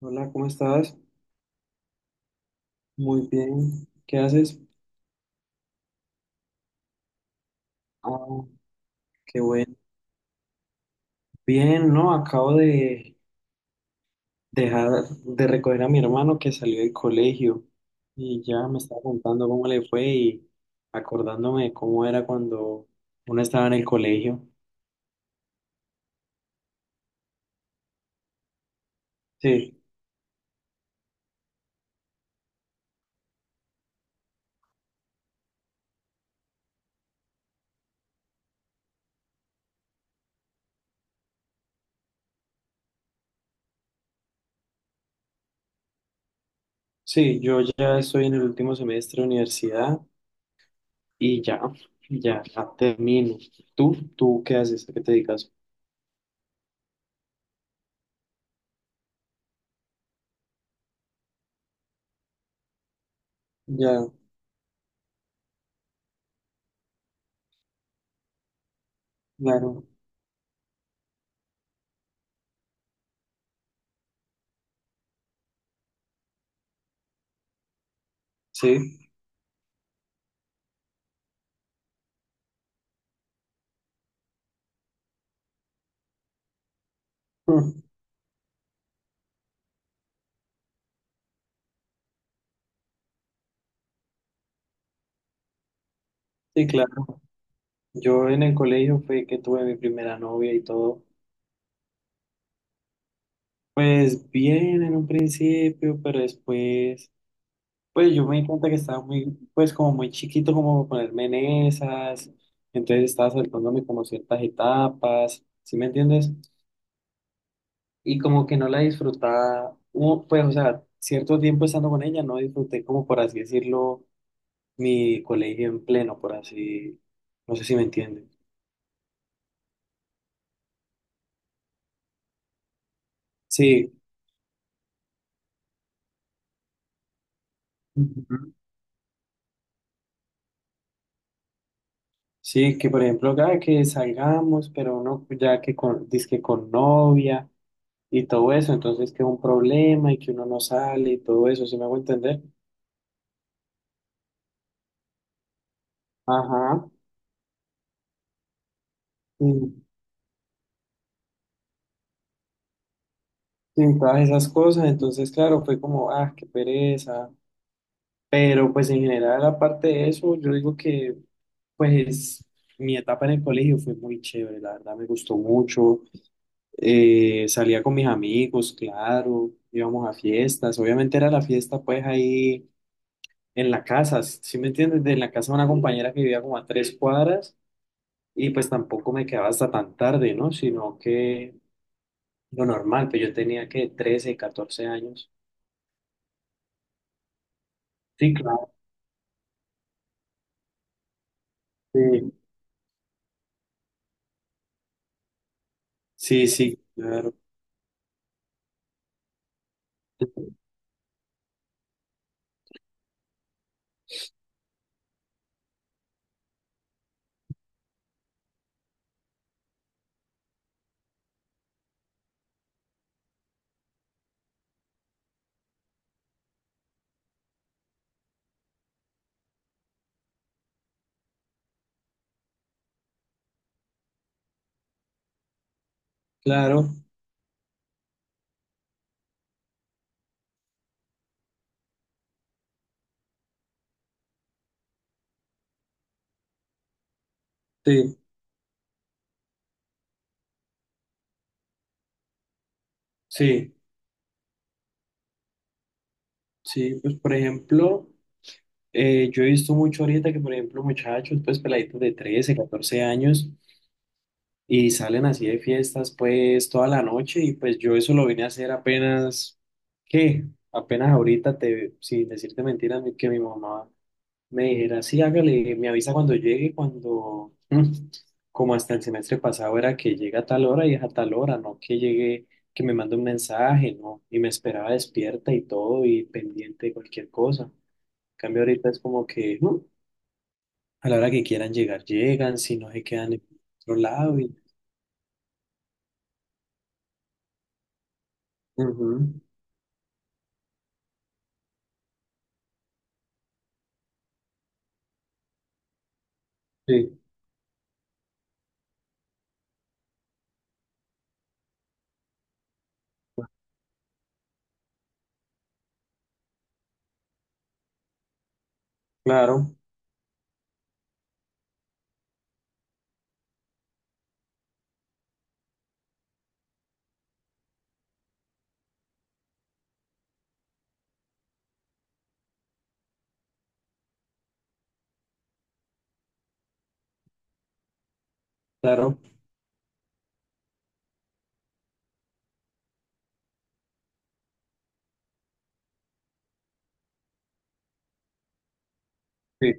Hola, ¿cómo estás? Muy bien. ¿Qué haces? Ah, qué bueno. Bien, no, acabo de dejar de recoger a mi hermano que salió del colegio y ya me estaba contando cómo le fue y acordándome de cómo era cuando uno estaba en el colegio. Sí, sí, yo ya estoy en el último semestre de universidad y ya, ya, ya termino. ¿Tú? ¿Tú qué haces? ¿A qué te dedicas? Ya, claro. Sí, sí, claro. Yo en el colegio fue que tuve mi primera novia y todo. Pues bien en un principio, pero después, pues yo me di cuenta que estaba muy, pues como muy chiquito como para ponerme en esas. Entonces estaba saltándome como ciertas etapas, ¿sí me entiendes? Y como que no la disfrutaba, hubo, pues o sea, cierto tiempo estando con ella, no disfruté como por así decirlo, mi colegio en pleno, por así, no sé si me entiendes. Sí. Ujú. Sí, que por ejemplo, cada que salgamos, pero uno ya que con, dizque con novia y todo eso, entonces que es un problema y que uno no sale y todo eso, ¿sí me hago entender? Ajá, y, y todas esas cosas, entonces claro, fue como, ah, qué pereza, pero pues en general, aparte de eso, yo digo que pues mi etapa en el colegio fue muy chévere, la verdad me gustó mucho, salía con mis amigos, claro, íbamos a fiestas, obviamente era la fiesta pues ahí en la casa, ¿sí me entiendes? De la casa de una compañera que vivía como a tres cuadras y pues tampoco me quedaba hasta tan tarde, ¿no? Sino que lo normal, pues yo tenía que 13, 14 años. Sí, claro. Sí, sí, sí, claro. Claro, sí, sí, sí, pues por ejemplo, yo he visto mucho ahorita que por ejemplo muchachos, pues peladitos de 13, 14 años, y salen así de fiestas pues toda la noche y pues yo eso lo vine a hacer apenas, ¿qué? Apenas ahorita, te, sin decirte mentiras, que mi mamá me dijera, sí, hágale, me avisa cuando llegue, cuando, como hasta el semestre pasado era que llega a tal hora y es a tal hora, no que llegue, que me mande un mensaje, ¿no? Y me esperaba despierta y todo y pendiente de cualquier cosa. En cambio ahorita es como que a la hora que quieran llegar, llegan, si no se quedan en otro lado y. Ujú, sí. Claro, claro, sí,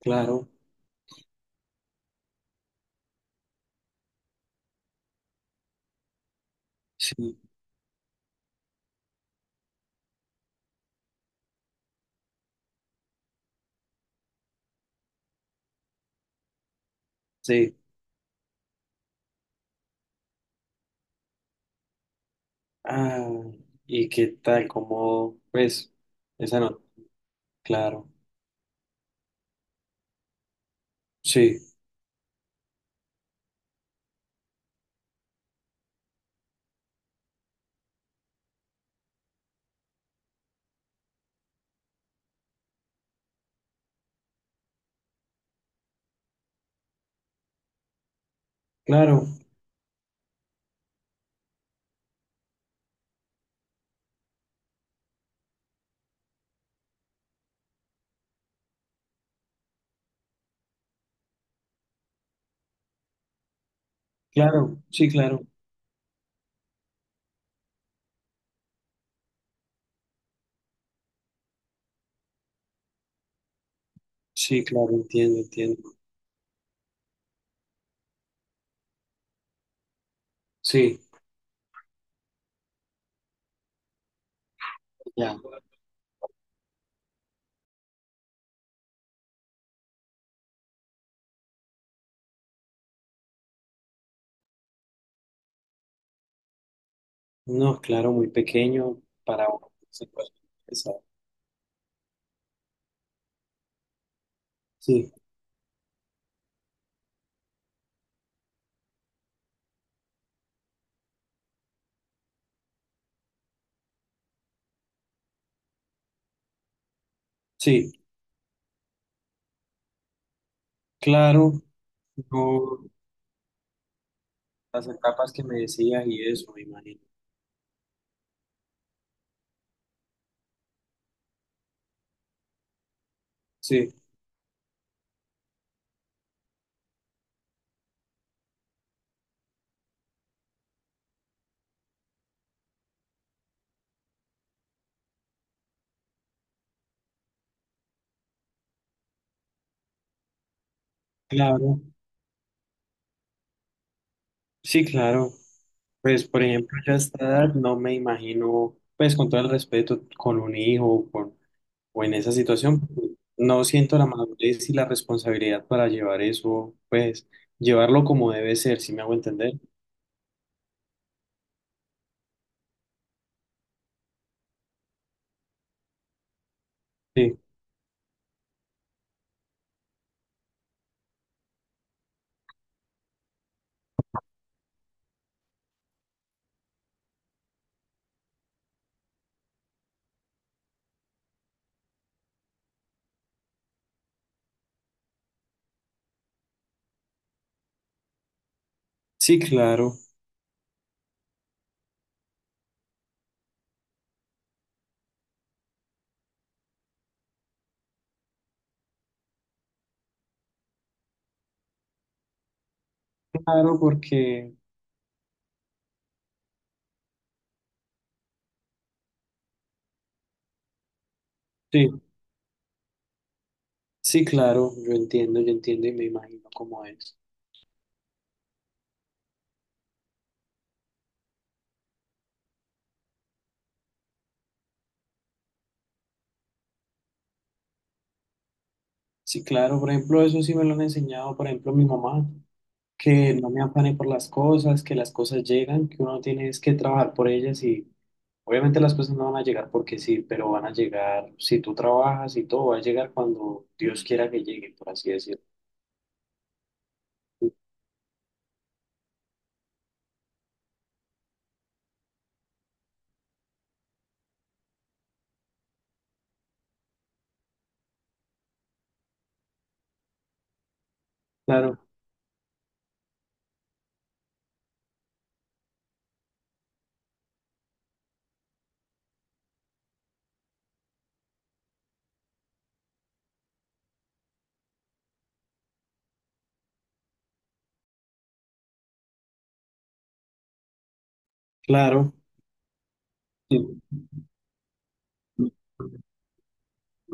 claro, sí, sí. Ah, ¿y qué tal? ¿Cómo, pues, esa no? Claro, sí, claro, claro, sí, claro, sí, claro, entiendo, entiendo. Sí, ya. No, claro, muy pequeño para una situación pesada. Sí, sí, claro, no, las etapas que me decías y eso, me imagino. Sí, claro. Sí, claro. Pues, por ejemplo, yo a esta edad no me imagino, pues, con todo el respeto, con un hijo o, con, o en esa situación, no siento la madurez y la responsabilidad para llevar eso, pues, llevarlo como debe ser, si me hago entender. Sí, sí, claro, claro, porque, sí, sí, claro, yo entiendo y me imagino cómo es. Sí, claro, por ejemplo, eso sí me lo han enseñado, por ejemplo, mi mamá. Que no me afane por las cosas, que las cosas llegan, que uno tiene es que trabajar por ellas y obviamente las cosas no van a llegar porque sí, pero van a llegar si tú trabajas y todo va a llegar cuando Dios quiera que llegue, por así decirlo. Claro, claro. Sí,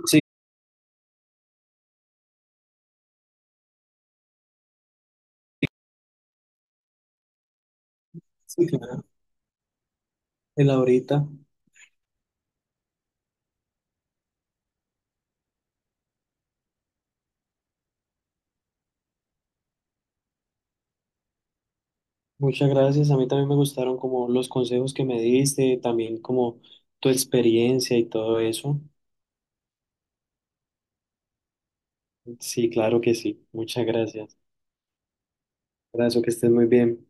sí, sí, claro. El ahorita. Muchas gracias. A mí también me gustaron como los consejos que me diste, también como tu experiencia y todo eso. Sí, claro que sí. Muchas gracias. Gracias, que estés muy bien.